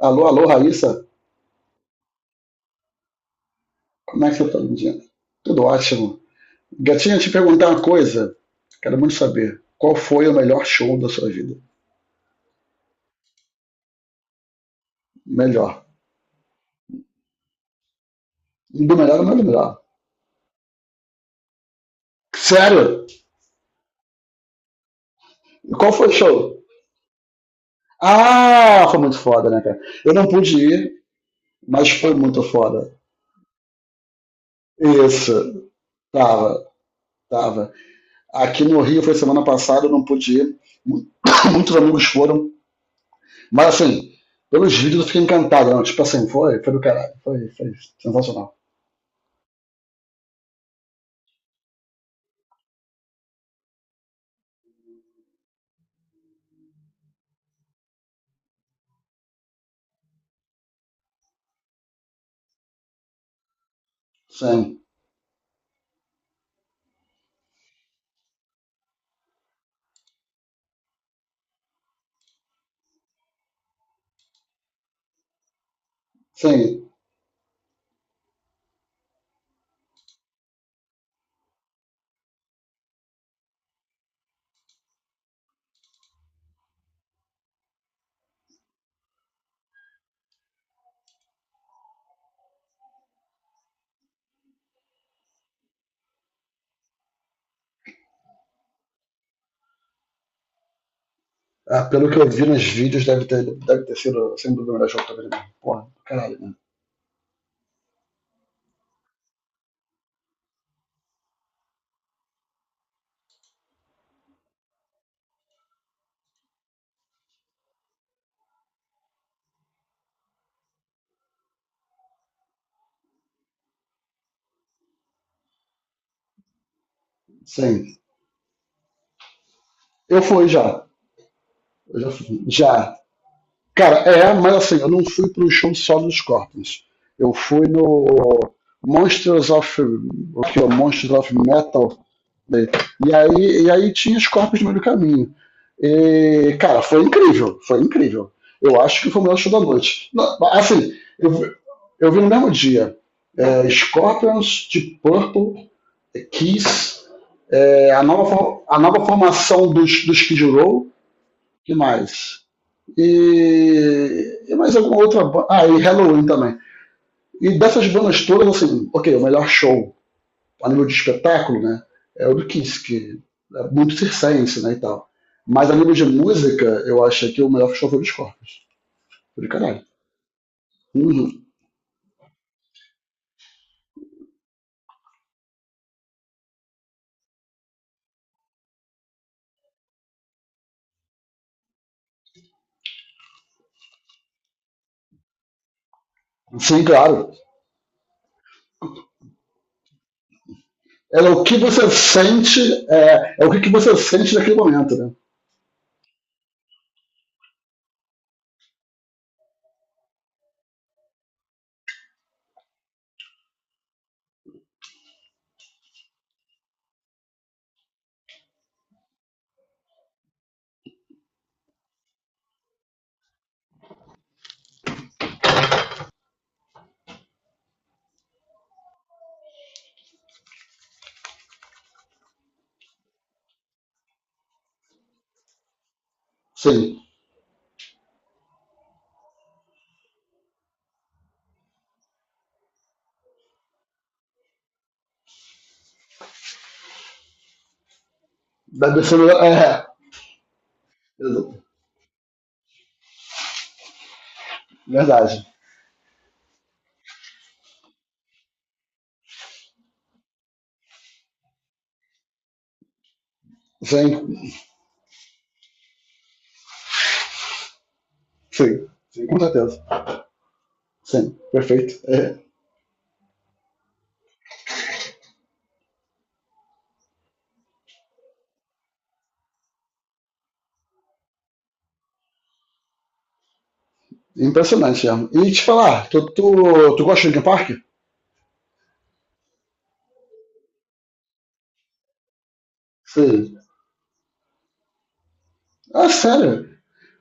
Alô, alô, Raíssa. Como é que você tá, Lindinha? Tudo ótimo. Gatinha, te perguntar uma coisa. Quero muito saber. Qual foi o melhor show da sua vida? Melhor. Do melhor ou não é do melhor? Sério? Qual foi o show? Ah, foi muito foda, né, cara? Eu não pude ir, mas foi muito foda. Isso. Tava, tava. Aqui no Rio foi semana passada, eu não pude ir. Mu- Muitos amigos foram. Mas assim, pelos vídeos eu fiquei encantado. Não. Tipo assim, foi do caralho. Foi sensacional. Sim, sim. Ah, pelo que eu vi nos vídeos, deve ter sido, sem dúvida, o melhor jogo também. Porra, caralho, né? Sim. Eu fui já. Eu já fui. Já. Cara, é, mas assim, eu não fui pro show só dos Scorpions. Eu fui no Monsters of, aqui, ó, Monsters of Metal. Né? E aí, tinha Scorpions no meio do caminho. E, cara, foi incrível, foi incrível. Eu acho que foi o melhor show da noite. Não, assim, eu, vi- eu vi no mesmo dia Scorpions, Deep Purple, Kiss, a nova formação dos Skid Row, que mais? E mais alguma outra. Ah, e Halloween também. E dessas bandas todas, assim, ok, o melhor show a nível de espetáculo, né? É o do Kiss, que é muito circense, né? E tal. Mas a nível de música, eu acho que é o melhor show foi do Scorpions. Foi do caralho. Uhum. Sim, claro. É o que você sente, é o que que você sente naquele momento, né? Sim. Deve ser melhor. É, verdade. Sim, sim, sim, com certeza. Sim, perfeito. É. Impressionante, é. E te falar, tu gosta de Linkin Park? Sim. Ah, sério?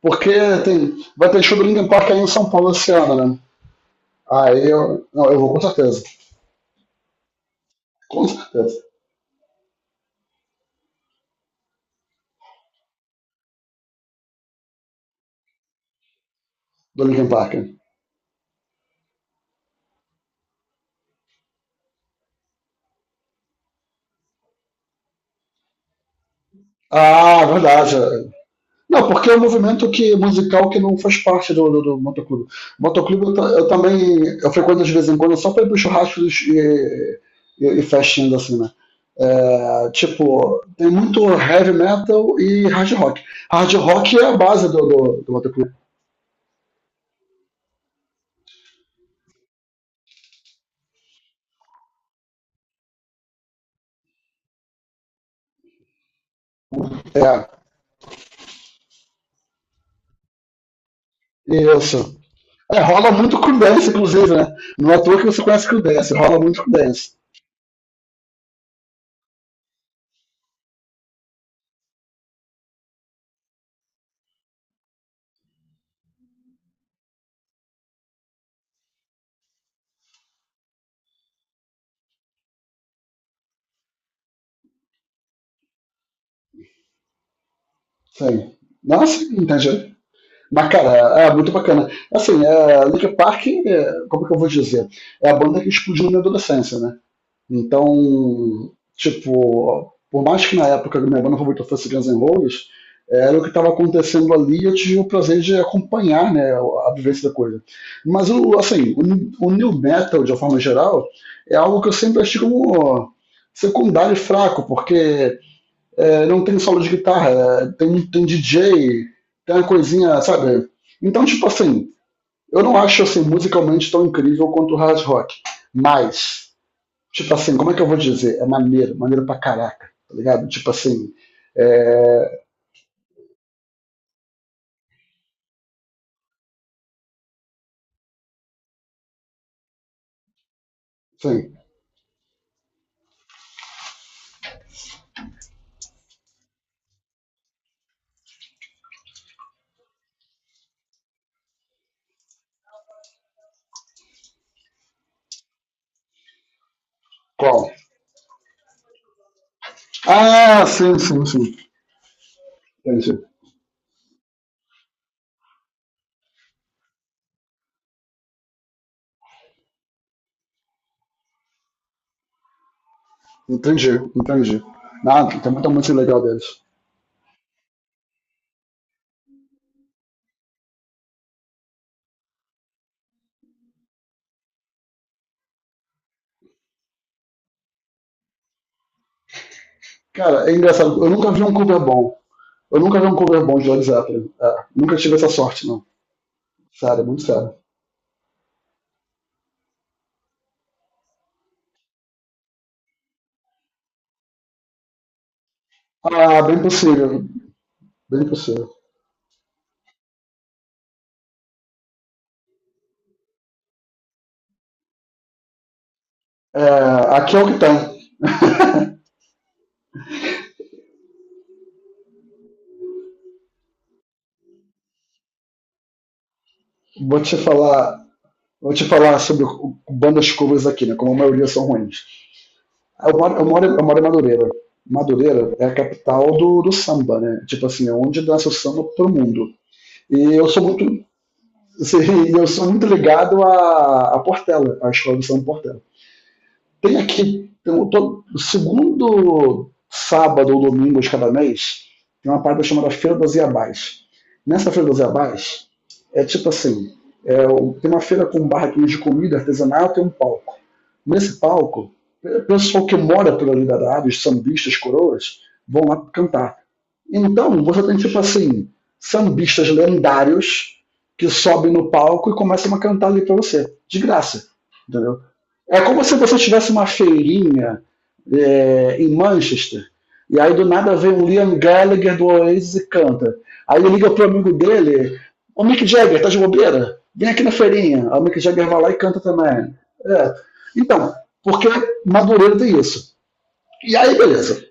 Porque vai ter show do Linkin Park aí em São Paulo esse ano, né? Aí eu. Não, eu vou com certeza. Com certeza. Do Linkin Park. Ah, verdade. Não, porque é um movimento que, musical que não faz parte do motoclube. Motoclube eu, ta- eu também eu frequento de vez em quando só para ir para churrascos e, e festinhas assim, né? É, tipo, tem muito heavy metal e hard rock. Hard rock é a base do motoclube. É, isso. É, rola muito com dance, inclusive, né? Não é à toa que você conhece com dance, rola muito com dance. Sim. Nossa, entendi. Mas, cara, é muito bacana. Assim, é, Linkin Park, é, como que eu vou dizer? É a banda que explodiu na minha adolescência, né? Então, tipo, por mais que na época a minha banda favorita fosse Guns N' Roses, era o que estava acontecendo ali e eu tive o prazer de acompanhar, né, a vivência da coisa. Mas, assim, o new metal, de uma forma geral, é algo que eu sempre achei como secundário e fraco, porque é, não tem solo de guitarra, tem DJ, tem uma coisinha, sabe? Então, tipo assim, eu não acho assim musicalmente tão incrível quanto o hard rock, mas, tipo assim, como é que eu vou dizer? É maneiro, maneiro pra caraca, tá ligado? Tipo assim, é. Sim, qual? Ah, sim, sim, sim, entendi, entendi, entendi. Nada, tem muita música legal deles. Cara, é engraçado, eu nunca vi um cover bom. Eu nunca vi um cover bom de Led Zeppelin. É, nunca tive essa sorte, não. Sério, muito sério. Ah, bem possível. Bem possível. É, aqui é o que tem. Vou te falar. Vou te falar sobre bandas covers aqui, né? Como a maioria são ruins. Eu moro em Madureira. Madureira é a capital do samba, né? Tipo assim, é onde nasce o samba pro mundo. E eu sou muito. Assim, eu sou muito ligado à Portela, à escola do samba Portela. Tem aqui, todo segundo sábado ou domingo de cada mês, tem uma parada chamada Feira das Iabás. Nessa Feira das Iabás, é tipo assim, é, tem uma feira com barraquinhas de comida artesanal, tem um palco. Nesse palco, o pessoal que mora pela ali da área, os sambistas, coroas, vão lá cantar. Então, você tem tipo assim, sambistas lendários que sobem no palco e começam a cantar ali para você, de graça, entendeu? É como se você tivesse uma feirinha em Manchester, e aí do nada vem o Liam Gallagher do Oasis e canta. Aí ele liga pro amigo dele, o Mick Jagger, tá de bobeira? Vem aqui na feirinha. Aí o Mick Jagger vai lá e canta também. É. Então, porque Madureira tem isso. E aí, beleza.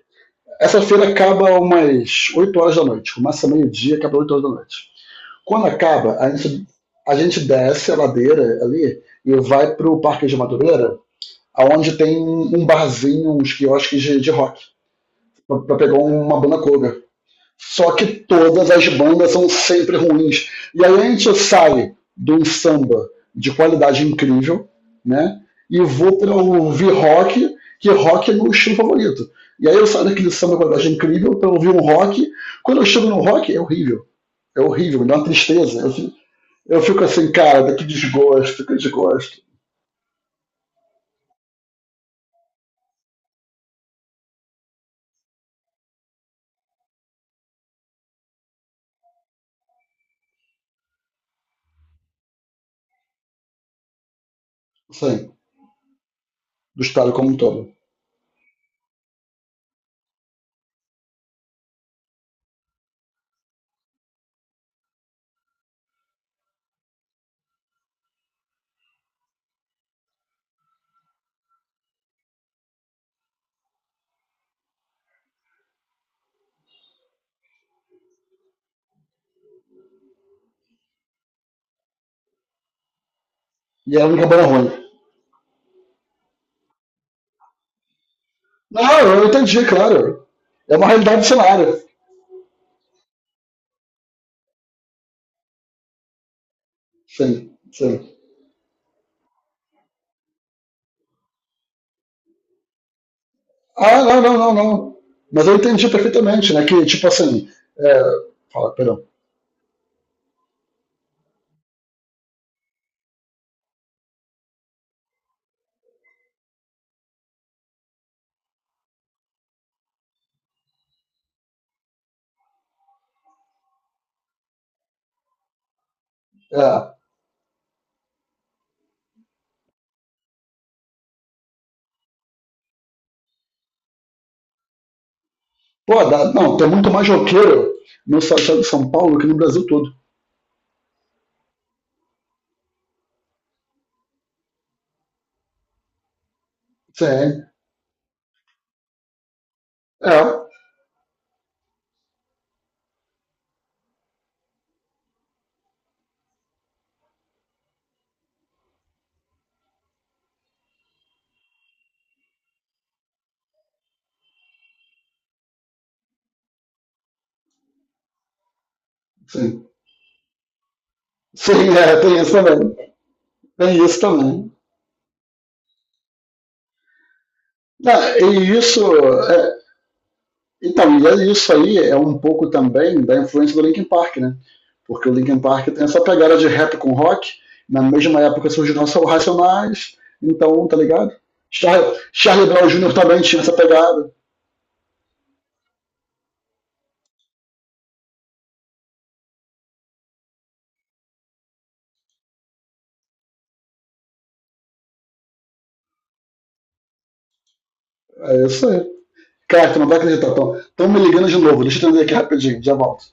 Essa feira acaba umas 8 horas da noite. Começa meio-dia, acaba 8 horas da noite. Quando acaba, a gente desce a ladeira ali e vai pro Parque de Madureira, aonde tem um barzinho, uns quiosques de rock, para pegar uma banda cover. Só que todas as bandas são sempre ruins. E aí a gente sai de um samba de qualidade incrível, né? E vou para ouvir rock, que rock é meu estilo favorito. E aí eu saio daquele samba de qualidade incrível para ouvir um rock. Quando eu chego no rock, é horrível. É horrível, me dá uma tristeza. Eu fico assim, cara, que desgosto, que desgosto. Assim, do estado como um todo. E é a única banda ruim. Não, eu entendi, claro. É uma realidade do cenário. Sim, sim. Ah, não, não, não, não. Mas eu entendi perfeitamente, né? Que, tipo assim. É. Fala, perdão. É. Pô, não, tem muito mais roqueiro no estado de São Paulo que no Brasil todo. Sim, é, sim. Sim, é, tem isso também. Tem isso também. Ah, e isso é, Então, e é isso aí é um pouco também da influência do Linkin Park, né? Porque o Linkin Park tem essa pegada de rap com rock, na mesma época surgiram os Racionais, então, tá ligado? Char Charlie Brown Jr. também tinha essa pegada. É isso aí. Cara, tu não vai acreditar, Tom. Estão me ligando de novo, deixa eu entender aqui rapidinho, já volto.